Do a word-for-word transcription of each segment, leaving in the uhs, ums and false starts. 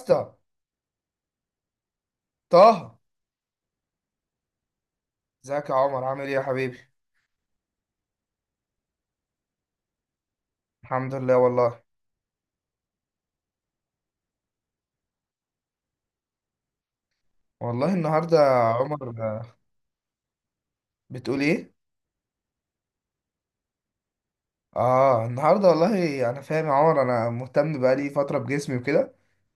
اسطى طه. ازيك يا عمر، عامل ايه يا حبيبي؟ الحمد لله والله. والله النهارده يا عمر، بتقول ايه؟ اه النهارده والله انا فاهم يا عمر، انا مهتم بقالي فتره بجسمي وكده،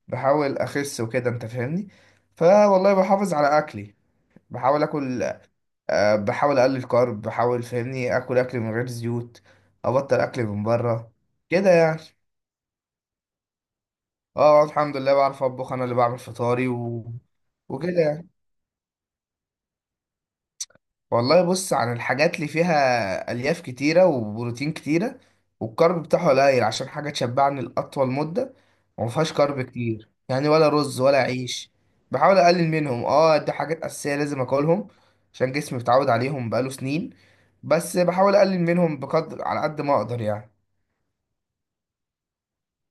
بحاول اخس وكده انت فاهمني. فوالله بحافظ على اكلي، بحاول اكل. آه بحاول اقلل كارب، بحاول فاهمني اكل، اكل من غير زيوت، ابطل اكل من بره كده يعني. اه الحمد لله بعرف اطبخ، انا اللي بعمل فطاري و... وكده يعني. والله بص، عن الحاجات اللي فيها الياف كتيره وبروتين كتيره، والكارب بتاعه قليل، عشان حاجه تشبعني لاطول مده، وما فيهاش كارب كتير يعني، ولا رز ولا عيش. بحاول اقلل منهم، اه دي حاجات اساسيه لازم اكلهم، عشان جسمي متعود عليهم بقاله سنين، بس بحاول اقلل منهم بقدر على قد ما اقدر يعني.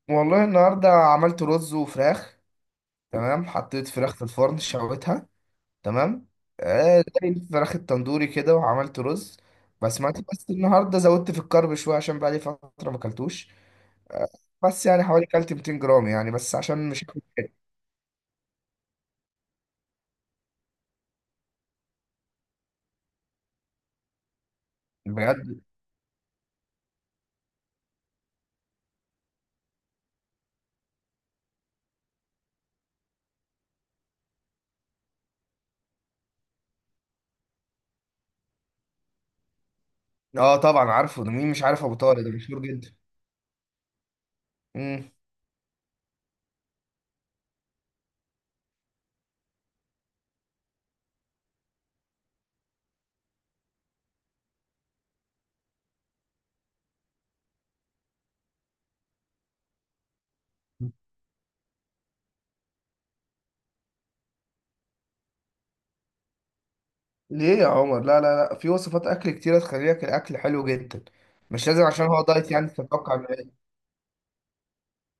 والله النهارده عملت رز وفراخ، تمام، حطيت فراخ في الفرن شويتها، تمام. آه، زي الفراخ التندوري كده، وعملت رز بسمتي، بس النهارده زودت في الكرب شويه عشان بقالي فتره ما اكلتش. آه، بس يعني حوالي كلت مئتين جرام يعني، بس عشان مش هاكل تاني. بجد؟ اه طبعا عارفه، ده مين مش عارف ابو طارق؟ ده مشهور جدا. امم. ليه يا عمر؟ لا لا لا، في وصفات اكل كتيره تخلي لك الاكل حلو جدا. مش لازم عشان هو دايت يعني تتوقع.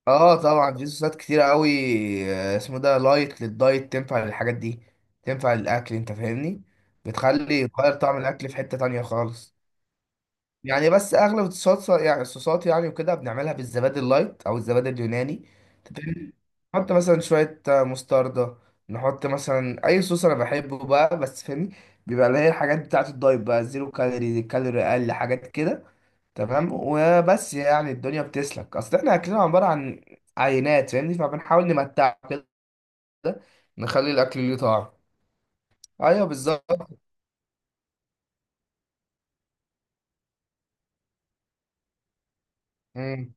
اه طبعا في صوصات كتيرة قوي. آه، اسمه ده لايت للدايت، تنفع للحاجات دي، تنفع للاكل انت فاهمني. بتخلي تغير طعم الاكل في حتة تانية خالص. يعني بس اغلب الصوصات، يعني الصوصات يعني، وكده بنعملها بالزبادي اللايت او الزبادي اليوناني. أنت فاهمني؟ نحط مثلا شوية آه، مستردة، نحط مثلا اي صوص انا بحبه بقى، بس فاهمني بيبقى اللي هي الحاجات بتاعة الدايت بقى، زيرو كالوري، كالوري اقل حاجات كده، تمام. وبس يعني الدنيا بتسلك، اصل احنا اكلنا عباره عن عينات فاهمني، فبنحاول نمتع كده، نخلي الاكل ليه طعم. ايوه بالظبط. مم.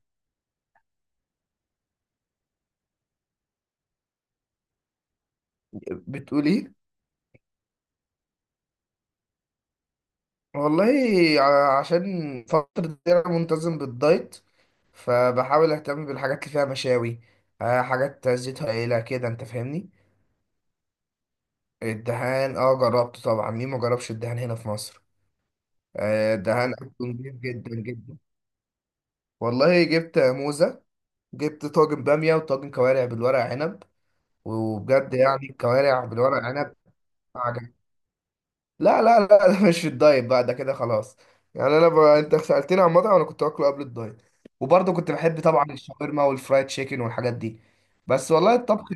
بتقول ايه؟ والله، ع- عشان فتره دي انا منتظم بالدايت، فبحاول اهتم بالحاجات اللي فيها مشاوي، آه، حاجات زيتها قليله كده انت فاهمني. الدهان اه جربته طبعا، مين ما جربش الدهان هنا في مصر؟ آه، الدهان اكله نضيف جدا جدا. والله جبت موزه، جبت طاجن بامية وطاجن كوارع بالورق عنب. وبجد يعني الكوارع بالورق عنب عجب. لا لا لا، ده مش في الدايت بقى، ده كده خلاص. يعني انا ب... انت سألتني عن مطعم انا كنت باكله قبل الدايت، وبرضه كنت بحب طبعا الشاورما والفرايد تشيكن والحاجات دي. بس والله الطبخ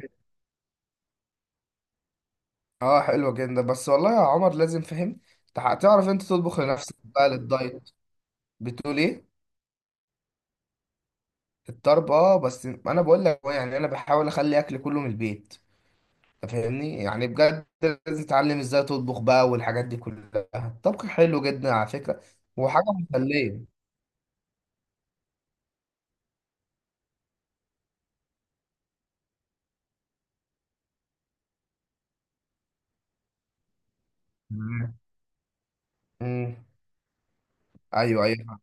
اه حلو جدا، بس والله يا عمر لازم فهم، تع- تعرف انت تطبخ لنفسك بقى للدايت. بتقول ايه؟ الطرب، اه، بس انا بقول لك يعني انا بحاول اخلي اكل كله من البيت فاهمني، يعني بجد لازم تتعلم ازاي تطبخ بقى والحاجات دي كلها، الطبخ حلو جدا على فكرة، وحاجة مسلية. مم. مم. ايوه ايوه.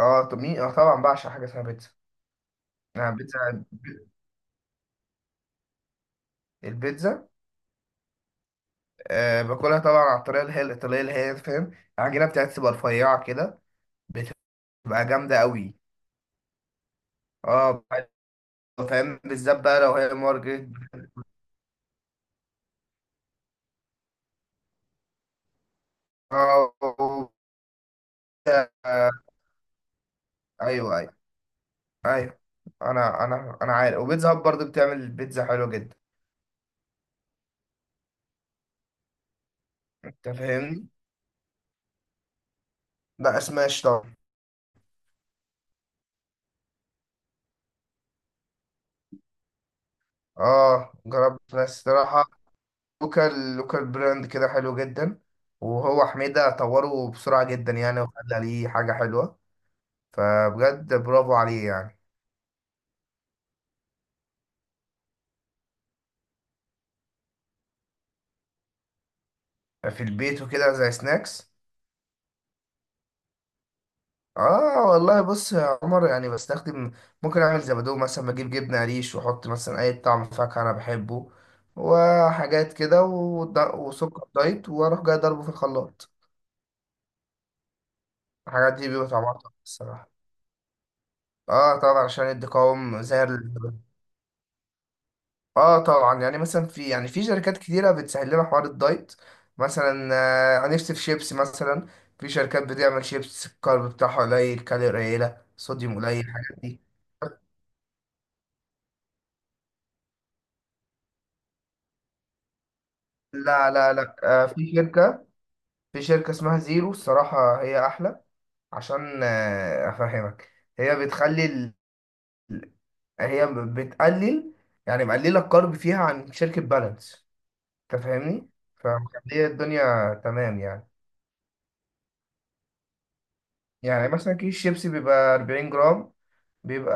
اه طب مين، اه طبعا بعشق حاجة اسمها بيتزا. يعني بيتزا، البيتزا، آه، باكلها طبعا على الطريقة اللي هي الإيطالية، اللي هي فاهم، العجينة بتاعتها تبقى رفيعة كده، بتبقى جامدة قوي. اه فاهم، بالذات بقى لو هي مارجريت. اه. آه. ايوه ايوه. ايوه. انا انا انا عارف، وبيتزا هب برضه بتعمل بيتزا حلوه جدا. انت فاهمني. لا سماش طبعا. اه جربت، بس صراحه لوكال، لوكال براند كده حلو جدا، وهو حميده طوره بسرعه جدا يعني، وخلى ليه حاجه حلوه، فبجد برافو عليه يعني. في البيت وكده زي سناكس. اه والله بص يا عمر، يعني بستخدم، ممكن اعمل زبادو مثلا، بجيب جبنه قريش واحط مثلا اي طعم فاكهه انا بحبه وحاجات كده، وض- وسكر دايت، واروح جاي ضربه في الخلاط. الحاجات دي بيبقى طعمها تحفة الصراحه. اه طبعا عشان يدي قوام زي ال- اه طبعا يعني مثلا، في يعني في شركات كتيره بتسهل لنا حوار الدايت. مثلا آه، نفسي في شيبس مثلا، في شركات بتعمل شيبس الكارب بتاعها قليل، كالوري قليله، صوديوم قليل، الحاجات دي. لا لا لا، آه، في شركة، في شركة اسمها زيرو، الصراحة هي أحلى، عشان آه، أفهمك، هي بتخلي ال... هي بتقلل يعني، مقللة الكارب فيها عن شركة بالانس. أنت فاهمني؟ فمخلية الدنيا تمام يعني. يعني مثلا كيس شيبسي بيبقى اربعين جرام، بيبقى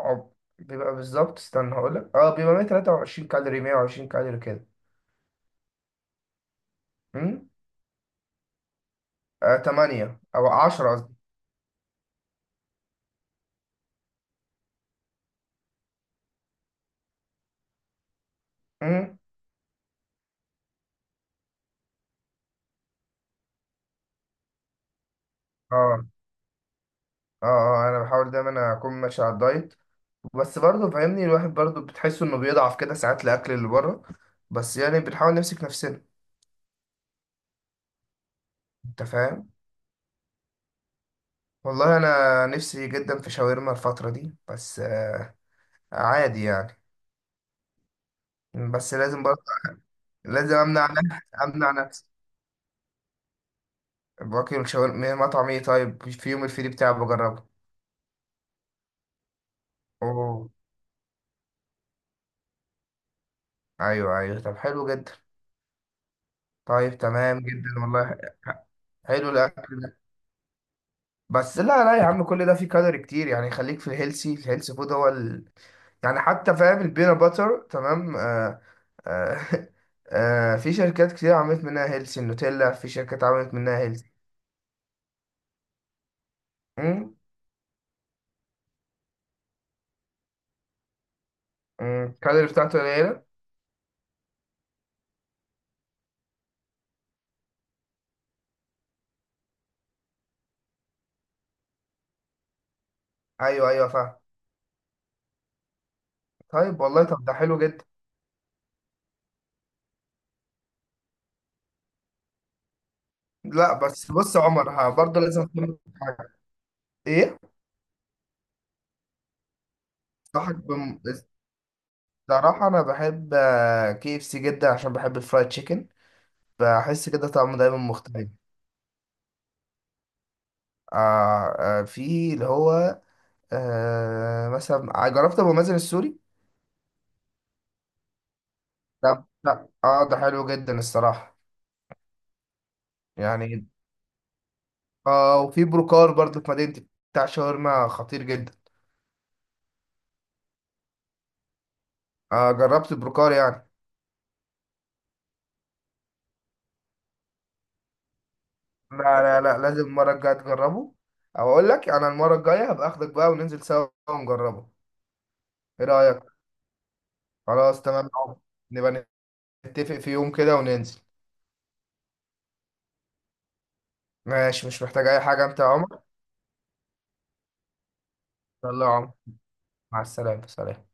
عب... بيبقى بالظبط، استنى هقولك، اه بيبقى مية وتلاتة وعشرين كالوري، مية وعشرين كالوري كده. أمم؟ آه تمانية أو عشرة قصدي. أمم؟ اه اه اه انا بحاول دايما اكون ماشي على الدايت، بس برضه فاهمني، الواحد برضه بتحس انه بيضعف كده ساعات، الاكل اللي بره، بس يعني بنحاول نمسك نفسنا. انت فاهم. والله انا نفسي جدا في شاورما الفتره دي، بس آه عادي يعني، بس لازم برضه، لازم امنع نفسي، امنع نفسي باكل شاورما مطعم ايه؟ طيب في يوم الفري بتاعي بجربه. اوه. ايوه ايوه، طب حلو جدا. طيب تمام جدا والله. حلو الاكل، بس لا لا يا عم، كل ده فيه كالوري كتير يعني، خليك في الهيلسي، الهيلسي فود هو ال... يعني حتى فاهم البينات باتر تمام. آه. آه. آه في شركات كتير عملت منها هيلسي النوتيلا، في شركات عملت منها هيلسي. امم. الكالوري بتاعته قليلة. ايوه ايوه فاهم. طيب والله، طب ده حلو جدا. لا بس بص يا عمر، ها، برضه لازم أفهمك حاجة. ايه؟ صاحب بم... الصراحة انا بحب كي اف سي جدا عشان بحب الفرايد تشيكن، بحس كده طعمه دايما مختلف. آه. آه، في اللي هو آه مثلا جربت ابو مازن السوري. ده ده اه ده حلو جدا الصراحه يعني. اه وفي بروكار برضو في مدينتي، بتاع شاورما خطير جدا. آه جربت البروكار يعني. لا لا لا، لازم المره الجايه تجربه، او اقول لك انا المره الجايه هبقى اخدك بقى وننزل سوا ونجربه. ايه رايك؟ خلاص تمام يا عمر، نبقى نتفق في يوم كده وننزل. ماشي، مش محتاج اي حاجه انت يا عمر؟ يلا يا عمر، مع السلامه، سلام.